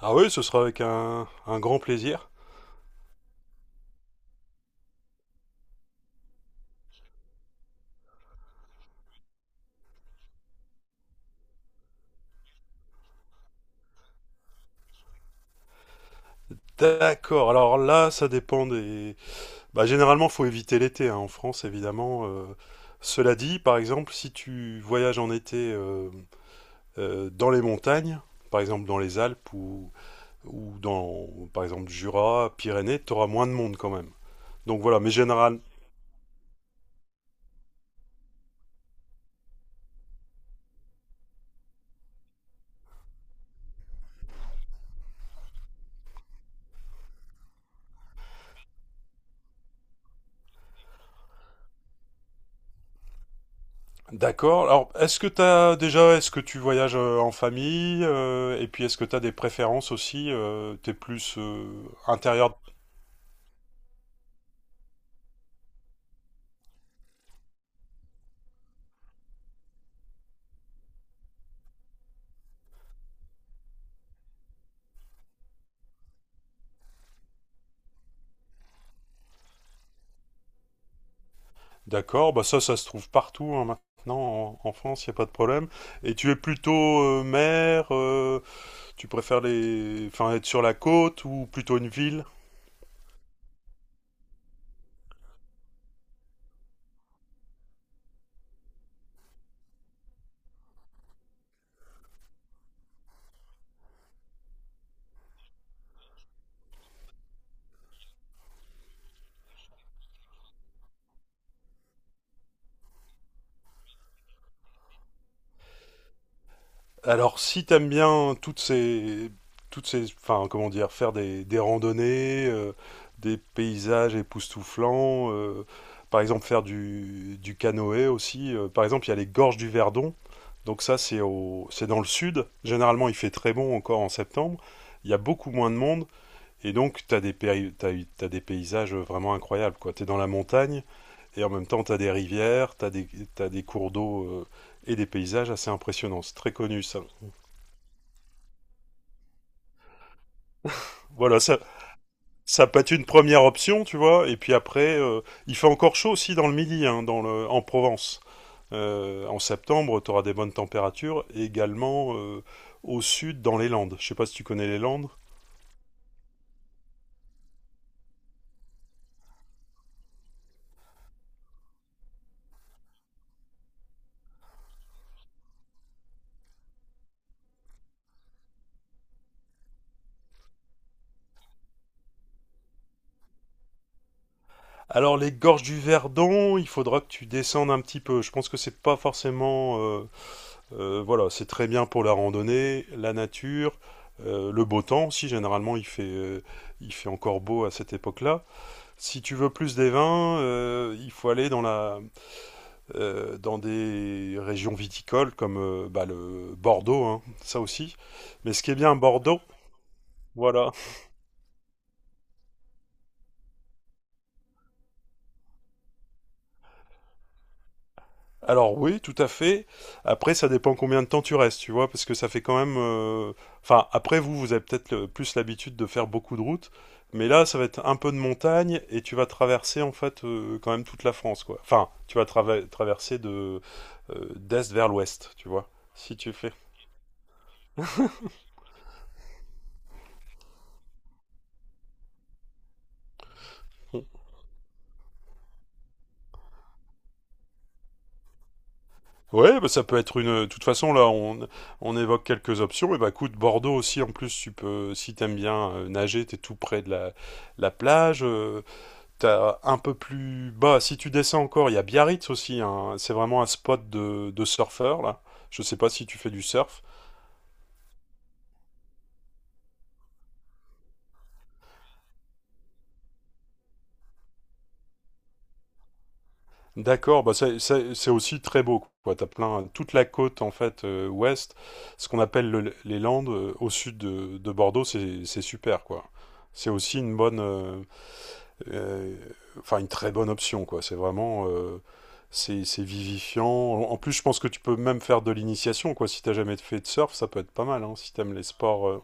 Ah oui, ce sera avec un grand plaisir. D'accord, alors là, ça dépend des. Bah, généralement, faut éviter l'été, hein, en France, évidemment. Cela dit, par exemple, si tu voyages en été, dans les montagnes, par exemple dans les Alpes ou dans, par exemple, Jura, Pyrénées, tu auras moins de monde quand même. Donc voilà, mais général. D'accord. Alors, est-ce que t'as déjà, est-ce que tu voyages en famille et puis est-ce que tu as des préférences aussi, t'es plus intérieur. D'accord, bah ça, ça se trouve partout, hein, maintenant. En France, il n'y a pas de problème. Et tu es plutôt mer, tu préfères les, enfin, être sur la côte ou plutôt une ville? Alors, si t'aimes bien toutes ces, enfin, comment dire, faire des randonnées, des paysages époustouflants, par exemple faire du canoë aussi. Par exemple, il y a les gorges du Verdon. Donc ça, c'est dans le sud. Généralement, il fait très bon encore en septembre. Il y a beaucoup moins de monde. Et donc, tu as des paysages vraiment incroyables, quoi. Tu es dans la montagne et en même temps, tu as des rivières, tu as des cours d'eau, et des paysages assez impressionnants. C'est très connu, ça. Voilà, ça peut être une première option, tu vois. Et puis après, il fait encore chaud aussi dans le midi, hein, en Provence. En septembre, tu auras des bonnes températures, et également, au sud, dans les Landes. Je sais pas si tu connais les Landes. Alors les gorges du Verdon, il faudra que tu descendes un petit peu. Je pense que c'est pas forcément. Voilà, c'est très bien pour la randonnée, la nature, le beau temps aussi. Généralement, il fait encore beau à cette époque-là. Si tu veux plus des vins, il faut aller dans des régions viticoles comme bah, le Bordeaux, hein, ça aussi. Mais ce qui est bien à Bordeaux, voilà. Alors oui, tout à fait. Après, ça dépend combien de temps tu restes, tu vois, parce que ça fait quand même. Enfin, après vous, vous avez peut-être plus l'habitude de faire beaucoup de routes, mais là, ça va être un peu de montagne et tu vas traverser en fait, quand même toute la France, quoi. Enfin, tu vas traverser de d'est vers l'ouest, tu vois, si tu fais. Ouais, bah ça peut être une. De toute façon, là, on évoque quelques options. Et bah, écoute, Bordeaux aussi, en plus, tu peux, si t'aimes bien, nager, t'es tout près de la plage. T'as un peu plus bas, si tu descends encore, il y a Biarritz aussi, hein. C'est vraiment un spot de surfeurs, là. Je sais pas si tu fais du surf. D'accord, bah c'est aussi très beau, quoi. T'as plein, toute la côte, en fait, ouest, ce qu'on appelle les Landes, au sud de Bordeaux, c'est super, quoi. C'est aussi une bonne, euh, enfin, une très bonne option, quoi. C'est vraiment, c'est vivifiant. En plus, je pense que tu peux même faire de l'initiation, quoi. Si t'as jamais fait de surf, ça peut être pas mal, hein, si t'aimes les sports.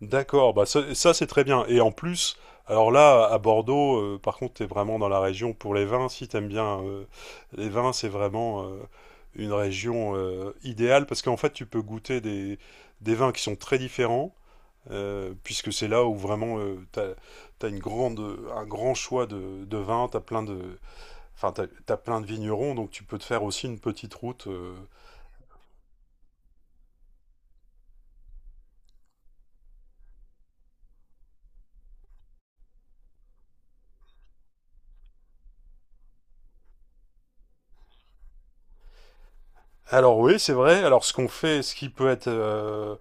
D'accord, bah ça, ça, c'est très bien. Et en plus, alors là, à Bordeaux, par contre, t'es vraiment dans la région pour les vins, si t'aimes bien les vins, c'est vraiment une région idéale parce qu'en fait, tu peux goûter des vins qui sont très différents, puisque c'est là où vraiment, t'as une grande, un grand choix de vins, t'as plein de, enfin, t'as plein de vignerons, donc tu peux te faire aussi une petite route. Alors oui, c'est vrai. Alors ce qu'on fait, ce qui peut être.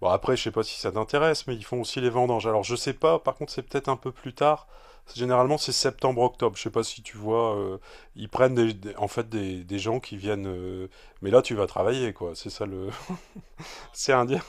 Bon après, je sais pas si ça t'intéresse, mais ils font aussi les vendanges. Alors je sais pas, par contre c'est peut-être un peu plus tard. Généralement c'est septembre-octobre. Je sais pas si tu vois, ils prennent en fait des gens qui viennent. Mais là tu vas travailler, quoi. C'est ça le. C'est indien.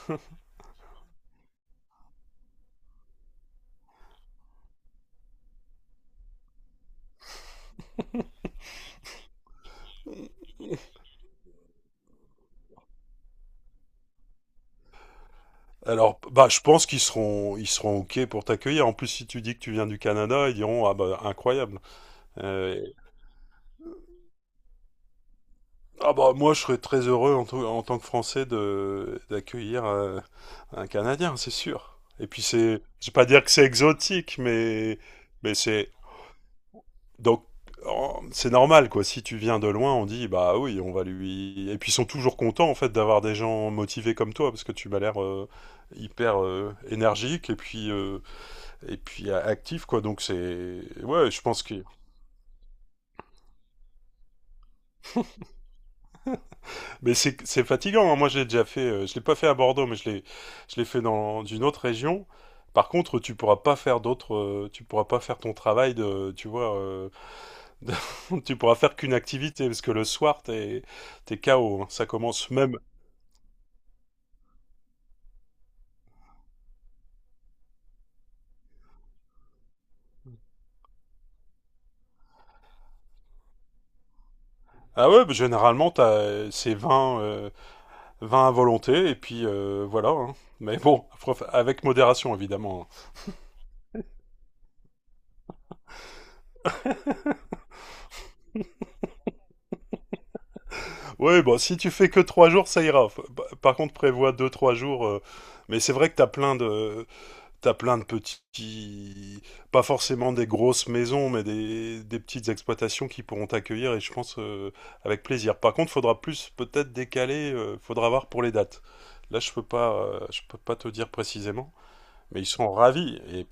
Alors, bah, je pense qu'ils seront OK pour t'accueillir. En plus, si tu dis que tu viens du Canada, ils diront, ah bah, incroyable. Euh, Ah bah moi je serais très heureux en tant que Français de d'accueillir, un Canadien, c'est sûr. Et puis c'est, je vais pas dire que c'est exotique, mais c'est donc c'est normal, quoi. Si tu viens de loin, on dit bah oui, on va lui. Et puis ils sont toujours contents en fait d'avoir des gens motivés comme toi parce que tu m'as l'air, hyper, énergique et puis, et puis actif, quoi. Donc c'est ouais, je pense que mais c'est fatigant, hein. Moi, je l'ai déjà fait. Je l'ai pas fait à Bordeaux, mais je l'ai fait dans une autre région. Par contre, tu pourras pas faire d'autres. Tu pourras pas faire ton travail de. Tu vois, tu pourras faire qu'une activité parce que le soir, t'es KO, hein. Ça commence même. Ah ouais, bah, généralement, t'as c'est 20 20 à volonté et puis voilà, hein. Mais bon, après, avec modération évidemment. Hein. Ouais, bon, si tu fais que 3 jours, ça ira. Bah, par contre, prévois 2 3 jours. Mais c'est vrai que t'as plein de petits, pas forcément des grosses maisons, mais des petites exploitations qui pourront t'accueillir et je pense, avec plaisir. Par contre, faudra plus peut-être décaler, faudra voir pour les dates. Là, je peux pas, je peux pas te dire précisément, mais ils sont ravis. Et.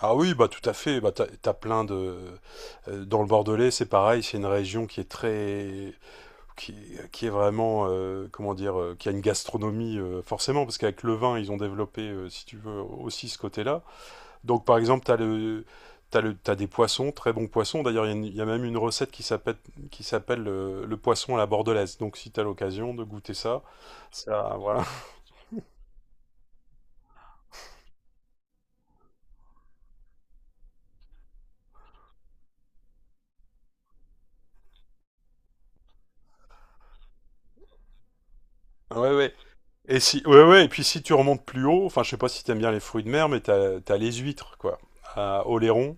Ah oui, bah tout à fait. Bah, dans le Bordelais, c'est pareil. C'est une région qui est très, qui, qui est vraiment, comment dire, qui a une gastronomie, forcément, parce qu'avec le vin, ils ont développé, si tu veux, aussi ce côté-là. Donc par exemple, tu as le. T'as des poissons, très bons poissons. D'ailleurs, il y a il y a même une recette qui s'appelle, le poisson à la bordelaise. Donc, si t'as l'occasion de goûter ça, ça, voilà. Ouais, ouais. Et si, ouais, ouais. Et puis, si tu remontes plus haut, enfin, je sais pas si t'aimes bien les fruits de mer, mais t'as les huîtres, quoi, à Oléron.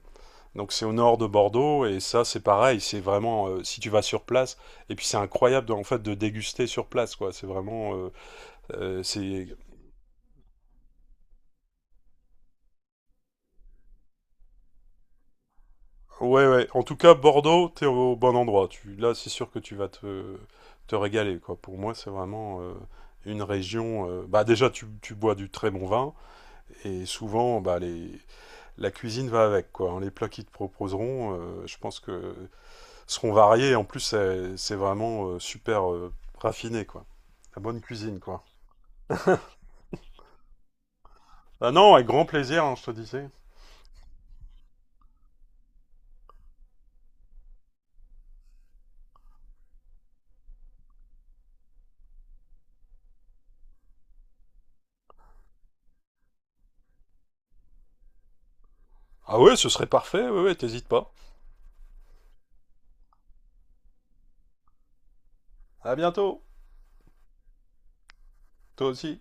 Donc, c'est au nord de Bordeaux, et ça, c'est pareil. C'est vraiment, si tu vas sur place, et puis c'est incroyable, en fait, de déguster sur place, quoi. C'est vraiment, c'est. Ouais, ouais. En tout cas, Bordeaux, t'es au bon endroit. Tu, là, c'est sûr que tu vas te régaler, quoi. Pour moi, c'est vraiment, une région. Bah, déjà, tu bois du très bon vin et souvent, bah, les, la cuisine va avec, quoi. Hein. Les plats qu'ils te proposeront, je pense que seront variés. En plus, c'est vraiment, super, raffiné, quoi. La bonne cuisine, quoi. Ah non, avec grand plaisir, hein, je te disais. Ah ouais, ce serait parfait. Ouais, ouais, t'hésites pas. À bientôt. Toi aussi.